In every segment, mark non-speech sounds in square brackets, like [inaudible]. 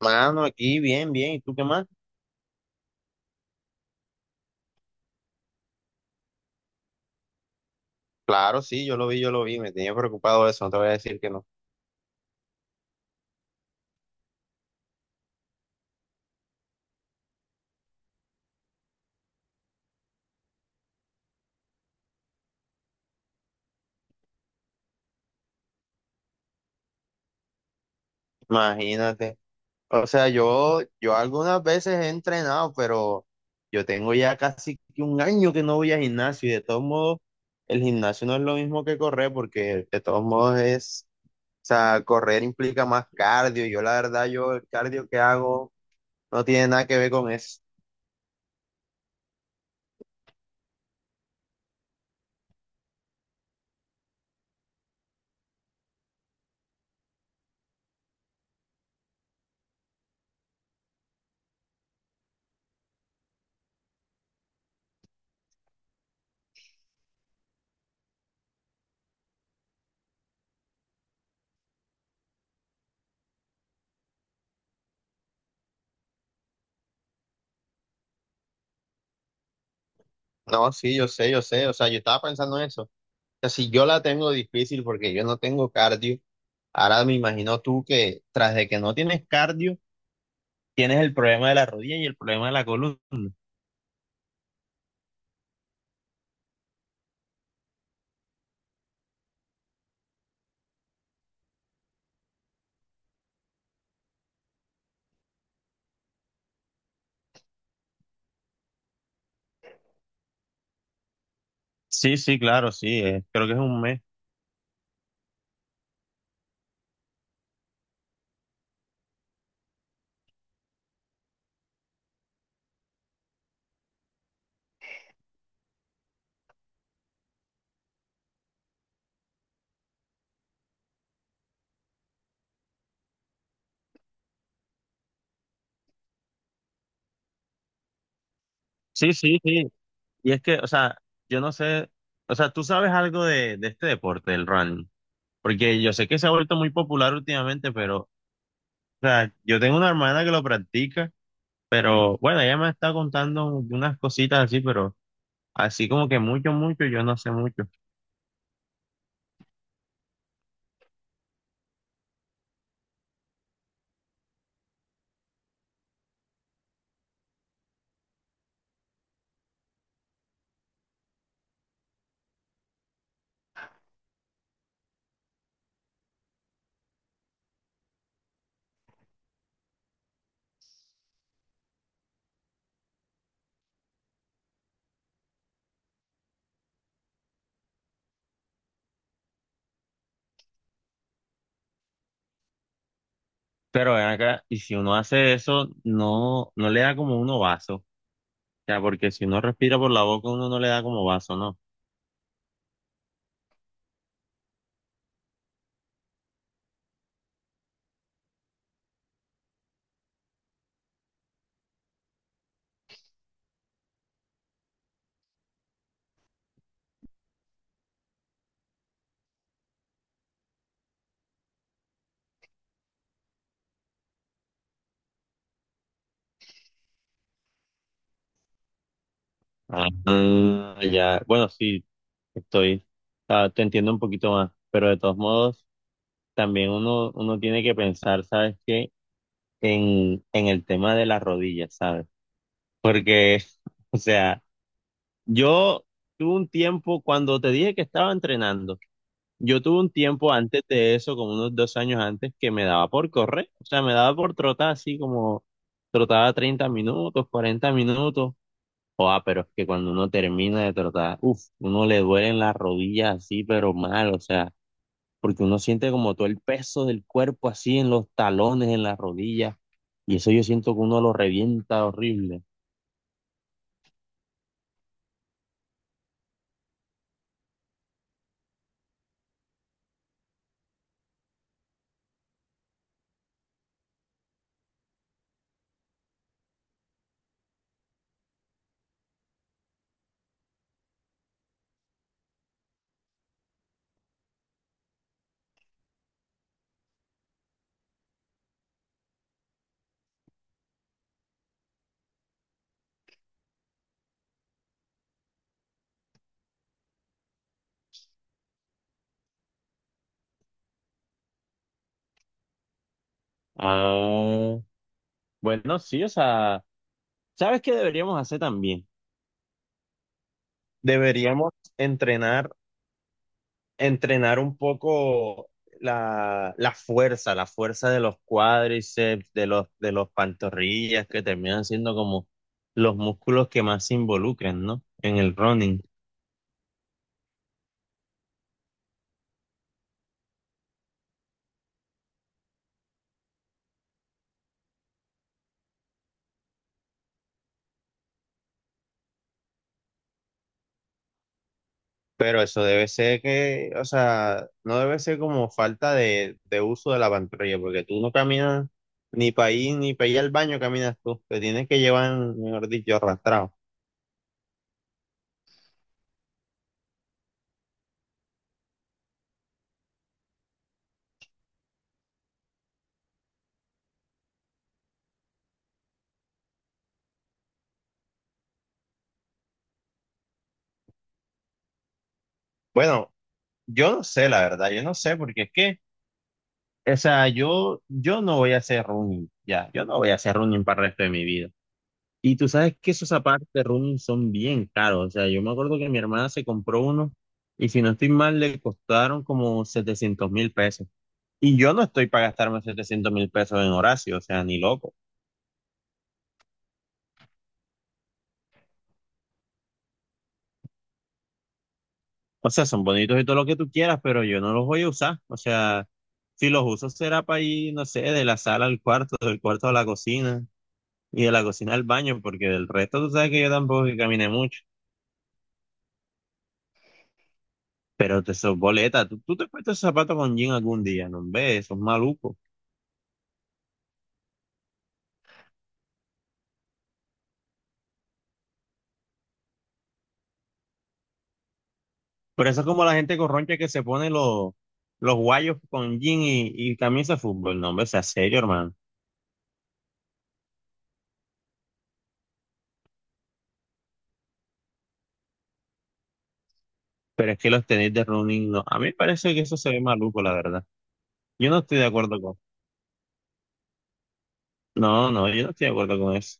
Mano, aquí bien, bien. ¿Y tú qué más? Claro, sí, yo lo vi, yo lo vi. Me tenía preocupado eso, no te voy a decir que no. Imagínate. O sea, yo algunas veces he entrenado, pero yo tengo ya casi que un año que no voy al gimnasio y de todos modos, el gimnasio no es lo mismo que correr porque de todos modos es, o sea, correr implica más cardio. Y yo la verdad, yo el cardio que hago no tiene nada que ver con eso. No, sí, yo sé, yo sé. O sea, yo estaba pensando en eso. O sea, si yo la tengo difícil porque yo no tengo cardio. Ahora me imagino tú que tras de que no tienes cardio, tienes el problema de la rodilla y el problema de la columna. Sí, sí, claro, sí, creo que es un mes. Sí, sí, sí. Y es que, o sea, yo no sé, o sea, tú sabes algo de este deporte, del running, porque yo sé que se ha vuelto muy popular últimamente, pero, o sea, yo tengo una hermana que lo practica, pero bueno, ella me está contando unas cositas así, pero así como que mucho, mucho, yo no sé mucho. Pero ven acá, y si uno hace eso, no, no le da como uno vaso. Ya, porque si uno respira por la boca, uno no le da como vaso, ¿no? Ah, ah, ya. Bueno, sí, estoy, ah, te entiendo un poquito más, pero de todos modos, también uno tiene que pensar, ¿sabes qué? En el tema de las rodillas, ¿sabes? Porque, [laughs] o sea, yo tuve un tiempo, cuando te dije que estaba entrenando, yo tuve un tiempo antes de eso, como unos 2 años antes, que me daba por correr, o sea, me daba por trotar así como trotaba 30 minutos, 40 minutos. Joa, pero es que cuando uno termina de trotar, uff, uno le duelen las rodillas así, pero mal, o sea, porque uno siente como todo el peso del cuerpo así en los talones, en las rodillas, y eso yo siento que uno lo revienta horrible. Ah, bueno, sí, o sea, ¿sabes qué deberíamos hacer también? Deberíamos entrenar entrenar un poco la fuerza, la fuerza de los cuádriceps, de los pantorrillas, que terminan siendo como los músculos que más se involucran, ¿no? En el running. Pero eso debe ser que, o sea, no debe ser como falta de uso de la pantorrilla, porque tú no caminas ni para ir al baño caminas tú, te tienes que llevar, mejor dicho, arrastrado. Bueno, yo no sé, la verdad, yo no sé, porque es que. O sea, yo no voy a hacer running, ya, yo no voy a hacer running para el resto de mi vida. Y tú sabes que esos zapatos de running son bien caros, o sea, yo me acuerdo que mi hermana se compró uno y si no estoy mal le costaron como 700.000 pesos. Y yo no estoy para gastarme 700.000 pesos en Horacio, o sea, ni loco. O sea, son bonitos y todo lo que tú quieras, pero yo no los voy a usar. O sea, si los uso será para ir, no sé, de la sala al cuarto, del cuarto a la cocina y de la cocina al baño, porque del resto tú sabes que yo tampoco es que camine mucho. Pero te sos boleta. Tú te puesto esos zapatos con jean algún día, no ves, sos maluco. Pero eso es como la gente corroncha que se pone los guayos con jean y camisa de fútbol. No, hombre, sea serio, hermano. Pero es que los tenis de running, no. A mí me parece que eso se ve maluco, la verdad. Yo no estoy de acuerdo con. No, no, yo no estoy de acuerdo con eso.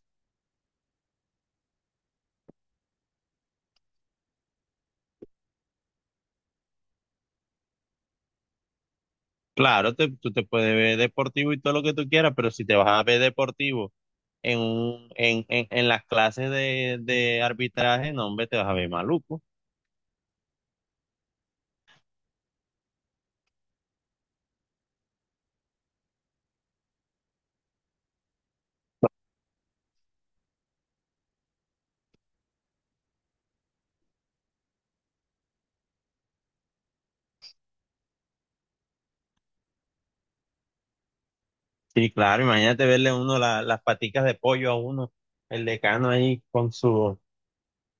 Claro, tú te puedes ver deportivo y todo lo que tú quieras, pero si te vas a ver deportivo en, un, en las clases de arbitraje, no, hombre, te vas a ver maluco. Sí, claro, imagínate verle uno las paticas de pollo a uno, el decano ahí con su,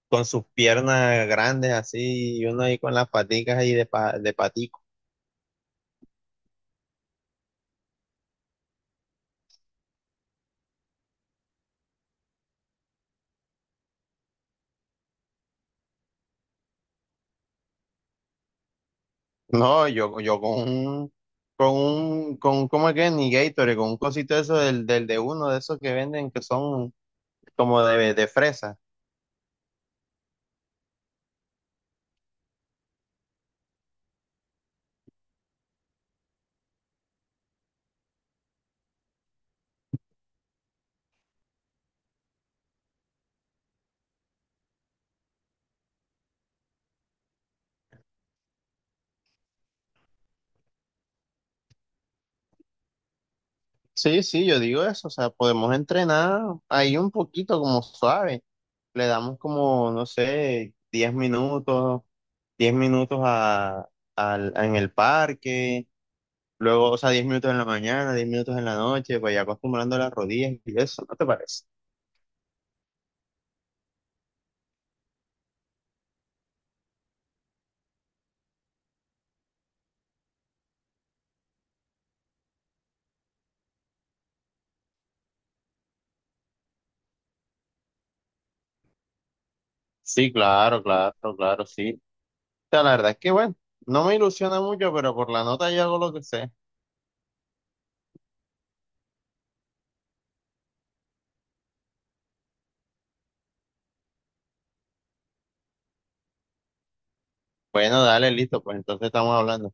con sus piernas grandes así, y uno ahí con las paticas ahí de patico. No, yo con ¿cómo es que? Ni Gatorade, con un cosito de eso del de uno de esos que venden que son como de fresa. Sí, sí, yo digo eso, o sea, podemos entrenar ahí un poquito como suave. Le damos como, no sé, diez minutos en el parque, luego, o sea, 10 minutos en la mañana, 10 minutos en la noche, vaya acostumbrando las rodillas y eso, ¿no te parece? Sí, claro, claro, claro, sí. O sea, la verdad es que, bueno, no me ilusiona mucho, pero por la nota yo hago lo que sé. Bueno, dale, listo, pues entonces estamos hablando.